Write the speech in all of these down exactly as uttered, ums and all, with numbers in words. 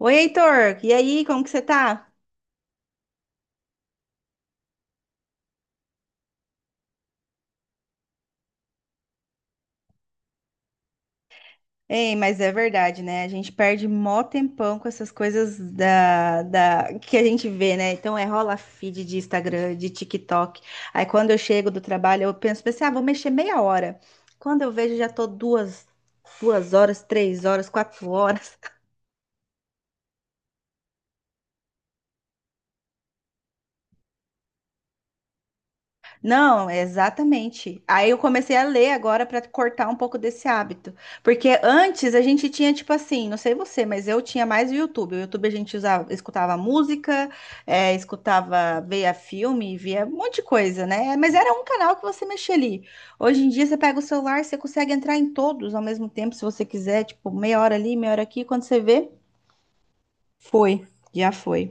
Oi, Heitor, e aí, como que você tá? Ei, mas é verdade, né? A gente perde mó tempão com essas coisas da, da que a gente vê, né? Então é rola feed de Instagram, de TikTok. Aí quando eu chego do trabalho, eu penso, pensei, ah, vou mexer meia hora. Quando eu vejo, já tô duas, duas horas, três horas, quatro horas. Não, exatamente. Aí eu comecei a ler agora para cortar um pouco desse hábito. Porque antes a gente tinha, tipo assim, não sei você, mas eu tinha mais o YouTube. O YouTube a gente usava, escutava música, eh, escutava, via filme, via um monte de coisa, né? Mas era um canal que você mexia ali. Hoje em dia você pega o celular, você consegue entrar em todos ao mesmo tempo, se você quiser, tipo, meia hora ali, meia hora aqui. Quando você vê, foi, já foi.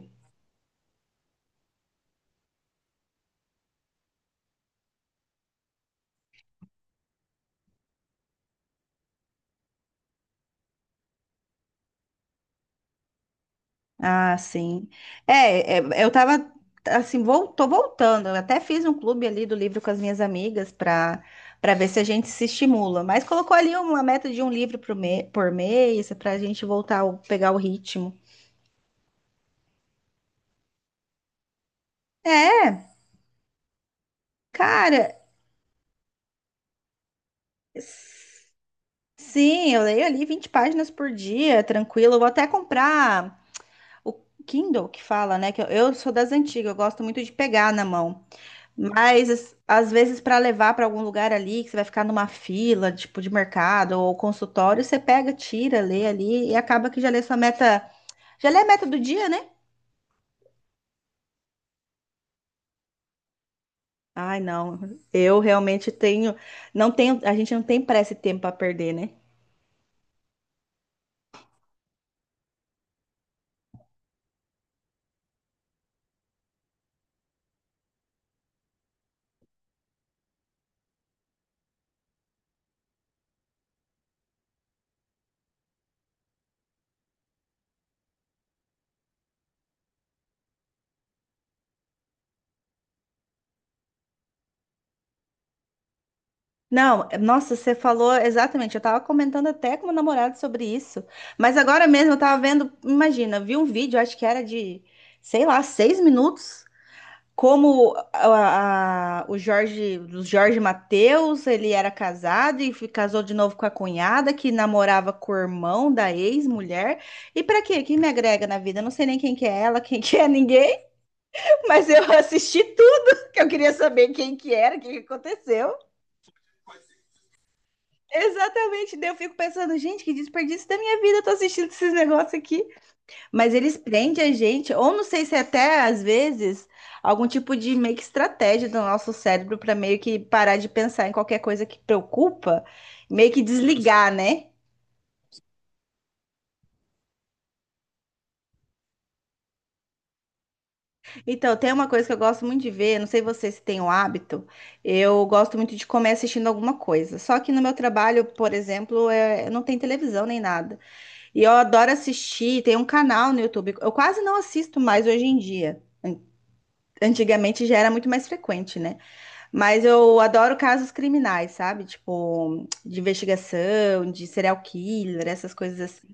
Ah, sim. É, é, eu tava assim, vol tô voltando. Eu até fiz um clube ali do livro com as minhas amigas para para ver se a gente se estimula. Mas colocou ali uma meta de um livro por, me por mês para a gente voltar a pegar o ritmo. É, cara, s- sim, eu leio ali vinte páginas por dia, tranquilo. Eu vou até comprar o Kindle que fala, né? Que eu, eu sou das antigas, eu gosto muito de pegar na mão. Mas as- às vezes para levar para algum lugar ali, que você vai ficar numa fila, tipo de mercado ou consultório, você pega, tira, lê ali e acaba que já lê sua meta, já lê a meta do dia, né? Ai, não. Eu realmente tenho, não tenho, a gente não tem pressa e tempo para perder, né? Não, nossa, você falou exatamente. Eu tava comentando até com meu namorado sobre isso. Mas agora mesmo eu tava vendo, imagina, vi um vídeo, acho que era de, sei lá, seis minutos como a- a- o Jorge, o Jorge Mateus, ele era casado e fi- casou de novo com a cunhada que namorava com o irmão da ex-mulher. E pra quê? Quem me agrega na vida? Eu não sei nem quem que é ela, quem que é ninguém, mas eu assisti tudo, que eu queria saber quem que era, o que que aconteceu. Exatamente, daí eu fico pensando, gente, que desperdício da minha vida, eu tô assistindo esses negócios aqui. Mas eles prendem a gente, ou não sei se é até às vezes algum tipo de meio que estratégia do nosso cérebro para meio que parar de pensar em qualquer coisa que preocupa, meio que desligar, né? Então, tem uma coisa que eu gosto muito de ver, não sei você se tem o hábito, eu gosto muito de comer assistindo alguma coisa. Só que no meu trabalho, por exemplo, é- não tem televisão nem nada. E eu adoro assistir, tem um canal no YouTube, eu quase não assisto mais hoje em dia. Antigamente já era muito mais frequente, né? Mas eu adoro casos criminais, sabe? Tipo, de investigação, de serial killer, essas coisas assim.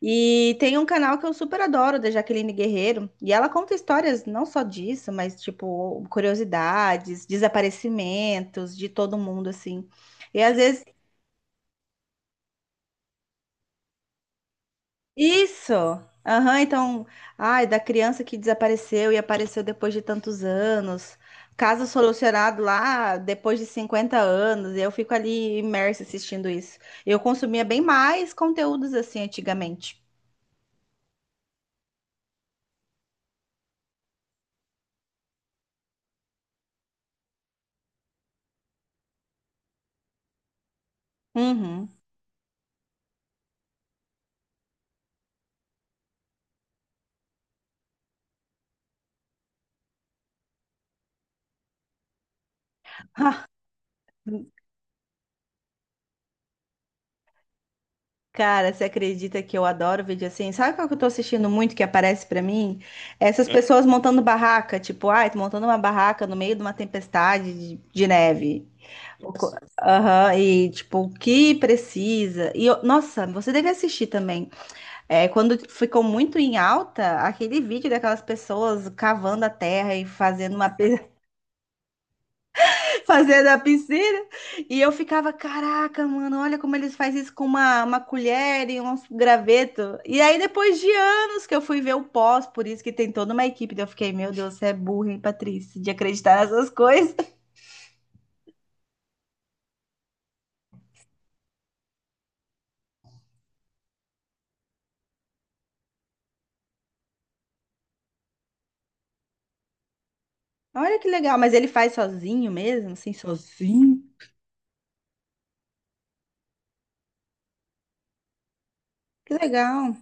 E tem um canal que eu super adoro, da Jaqueline Guerreiro, e ela conta histórias não só disso, mas tipo, curiosidades, desaparecimentos de todo mundo, assim. E às vezes Isso! Aham, então, ai, da criança que desapareceu e apareceu depois de tantos anos, caso solucionado lá depois de cinquenta anos, e eu fico ali imersa assistindo isso. Eu consumia bem mais conteúdos assim antigamente. Uhum. Cara, você acredita que eu adoro vídeo assim? Sabe qual que eu tô assistindo muito que aparece pra mim? Essas Hum. pessoas montando barraca, tipo, ai, tô montando uma barraca no meio de uma tempestade de de neve. O co- Aham, e tipo, o que precisa. E eu- nossa, você deve assistir também. É, quando ficou muito em alta, aquele vídeo daquelas pessoas cavando a terra e fazendo uma pe- fazendo a piscina. E eu ficava, caraca, mano, olha como eles fazem isso com uma, uma colher e um graveto. E aí, depois de anos que eu fui ver o pós, por isso que tem toda uma equipe. Daí eu fiquei, meu Deus, você é burra, hein, Patrícia, de acreditar nessas coisas. Olha que legal, mas ele faz sozinho mesmo, assim, sozinho. Que legal.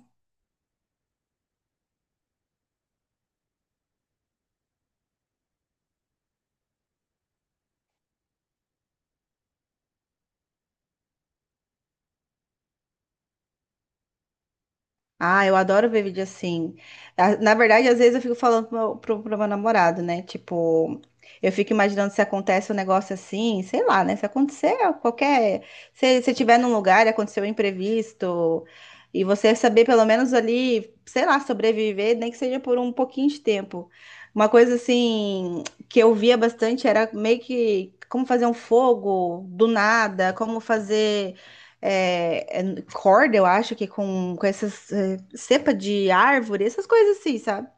Ah, eu adoro ver vídeo assim. Ah, na verdade, às vezes eu fico falando pro meu, pro- pro meu namorado, né? Tipo, eu fico imaginando se acontece um negócio assim, sei lá, né? Se acontecer qualquer. Se você estiver num lugar e aconteceu um imprevisto, e você saber pelo menos ali, sei lá, sobreviver, nem que seja por um pouquinho de tempo. Uma coisa assim que eu via bastante era meio que como fazer um fogo do nada, como fazer é, é, corda, eu acho que com, com essas cepa de árvore, essas coisas assim, sabe?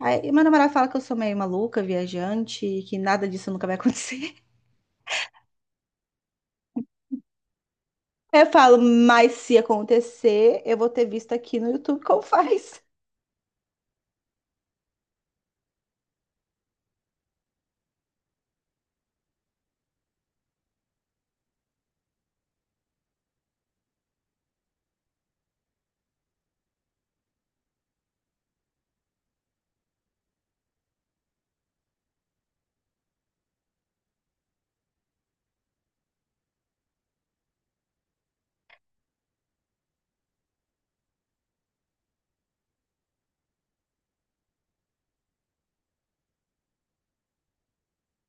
Aí meu namorado fala que eu sou meio maluca, viajante, que nada disso nunca vai acontecer. Eu falo, mas se acontecer, eu vou ter visto aqui no YouTube como faz.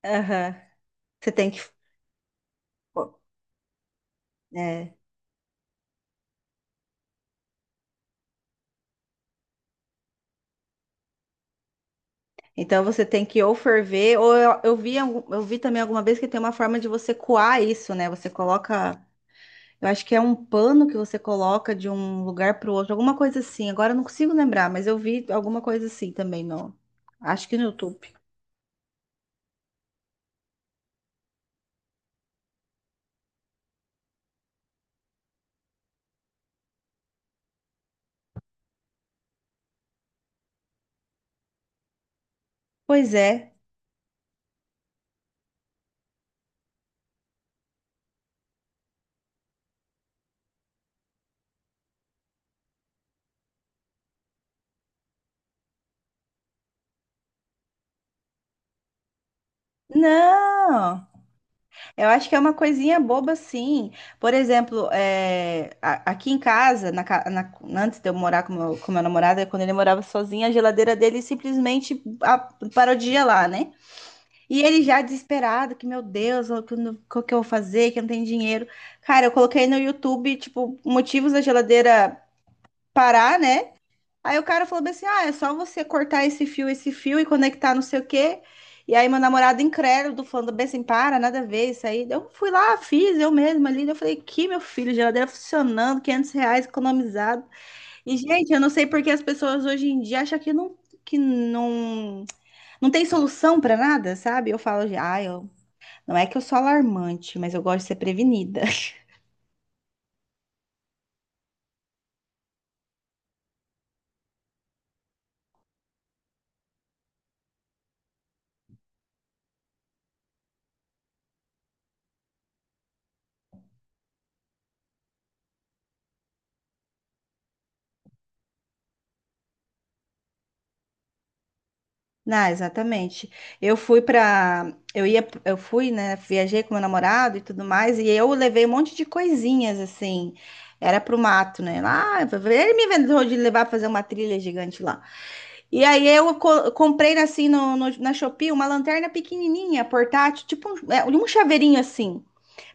Aham. Você tem que. Pô, é. Então você tem que ou ferver, ou eu, eu vi, algum- eu vi também alguma vez que tem uma forma de você coar isso, né? Você coloca. Eu acho que é um pano que você coloca de um lugar para o outro, alguma coisa assim. Agora eu não consigo lembrar, mas eu vi alguma coisa assim também no. Acho que no YouTube. Pois é. Não, eu acho que é uma coisinha boba, sim. Por exemplo, é, a- aqui em casa, na ca- na- antes de eu morar com meu, com meu namorado, é quando ele morava sozinho, a geladeira dele simplesmente a- parou de gelar, né? E ele já desesperado, que meu Deus, o que, eu não- o que eu vou fazer, que eu não tenho dinheiro. Cara, eu coloquei no YouTube, tipo, motivos da geladeira parar, né? Aí o cara falou bem assim: ah, é só você cortar esse fio, esse fio e conectar não sei o quê. E aí meu namorado incrédulo falando bem assim: para, nada a ver isso aí. Eu fui lá, fiz eu mesma ali. Eu falei: que meu filho, geladeira funcionando, quinhentos reais economizado. E gente, eu não sei porque as pessoas hoje em dia acham que não, que não, não tem solução para nada, sabe? Eu falo: ah, eu, não é que eu sou alarmante, mas eu gosto de ser prevenida. Ah, exatamente. Eu fui pra. Eu ia, eu fui, né, viajei com meu namorado e tudo mais, e eu levei um monte de coisinhas assim. Era pro mato, né? Lá, ele me inventou de levar pra fazer uma trilha gigante lá. E aí eu co- comprei assim no, no- na Shopee uma lanterna pequenininha, portátil, tipo um, é, um chaveirinho assim.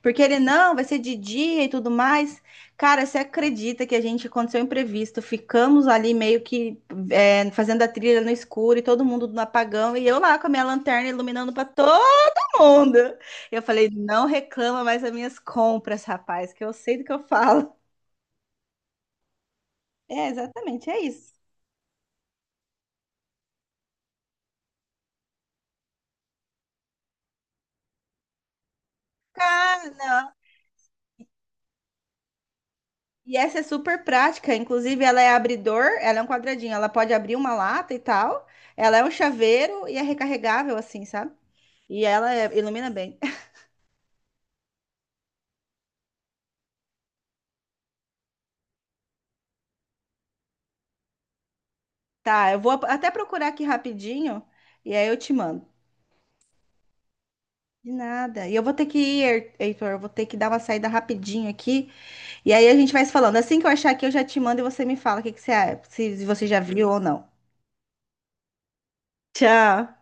Porque ele não, vai ser de dia e tudo mais. Cara, você acredita que a gente aconteceu um imprevisto? Ficamos ali meio que é, fazendo a trilha no escuro e todo mundo no apagão e eu lá com a minha lanterna iluminando para todo mundo. Eu falei, não reclama mais das minhas compras, rapaz, que eu sei do que eu falo. É, exatamente, é isso. E essa é super prática, inclusive ela é abridor, ela é um quadradinho, ela pode abrir uma lata e tal. Ela é um chaveiro e é recarregável assim, sabe? E ela é- ilumina bem. Tá, eu vou ap- até procurar aqui rapidinho e aí eu te mando. De nada. E eu vou ter que ir, Her- Heitor, eu vou ter que dar uma saída rapidinho aqui. E aí a gente vai se falando. Assim que eu achar aqui, eu já te mando e você me fala o que que você, a- se você já viu ou não. Tchau.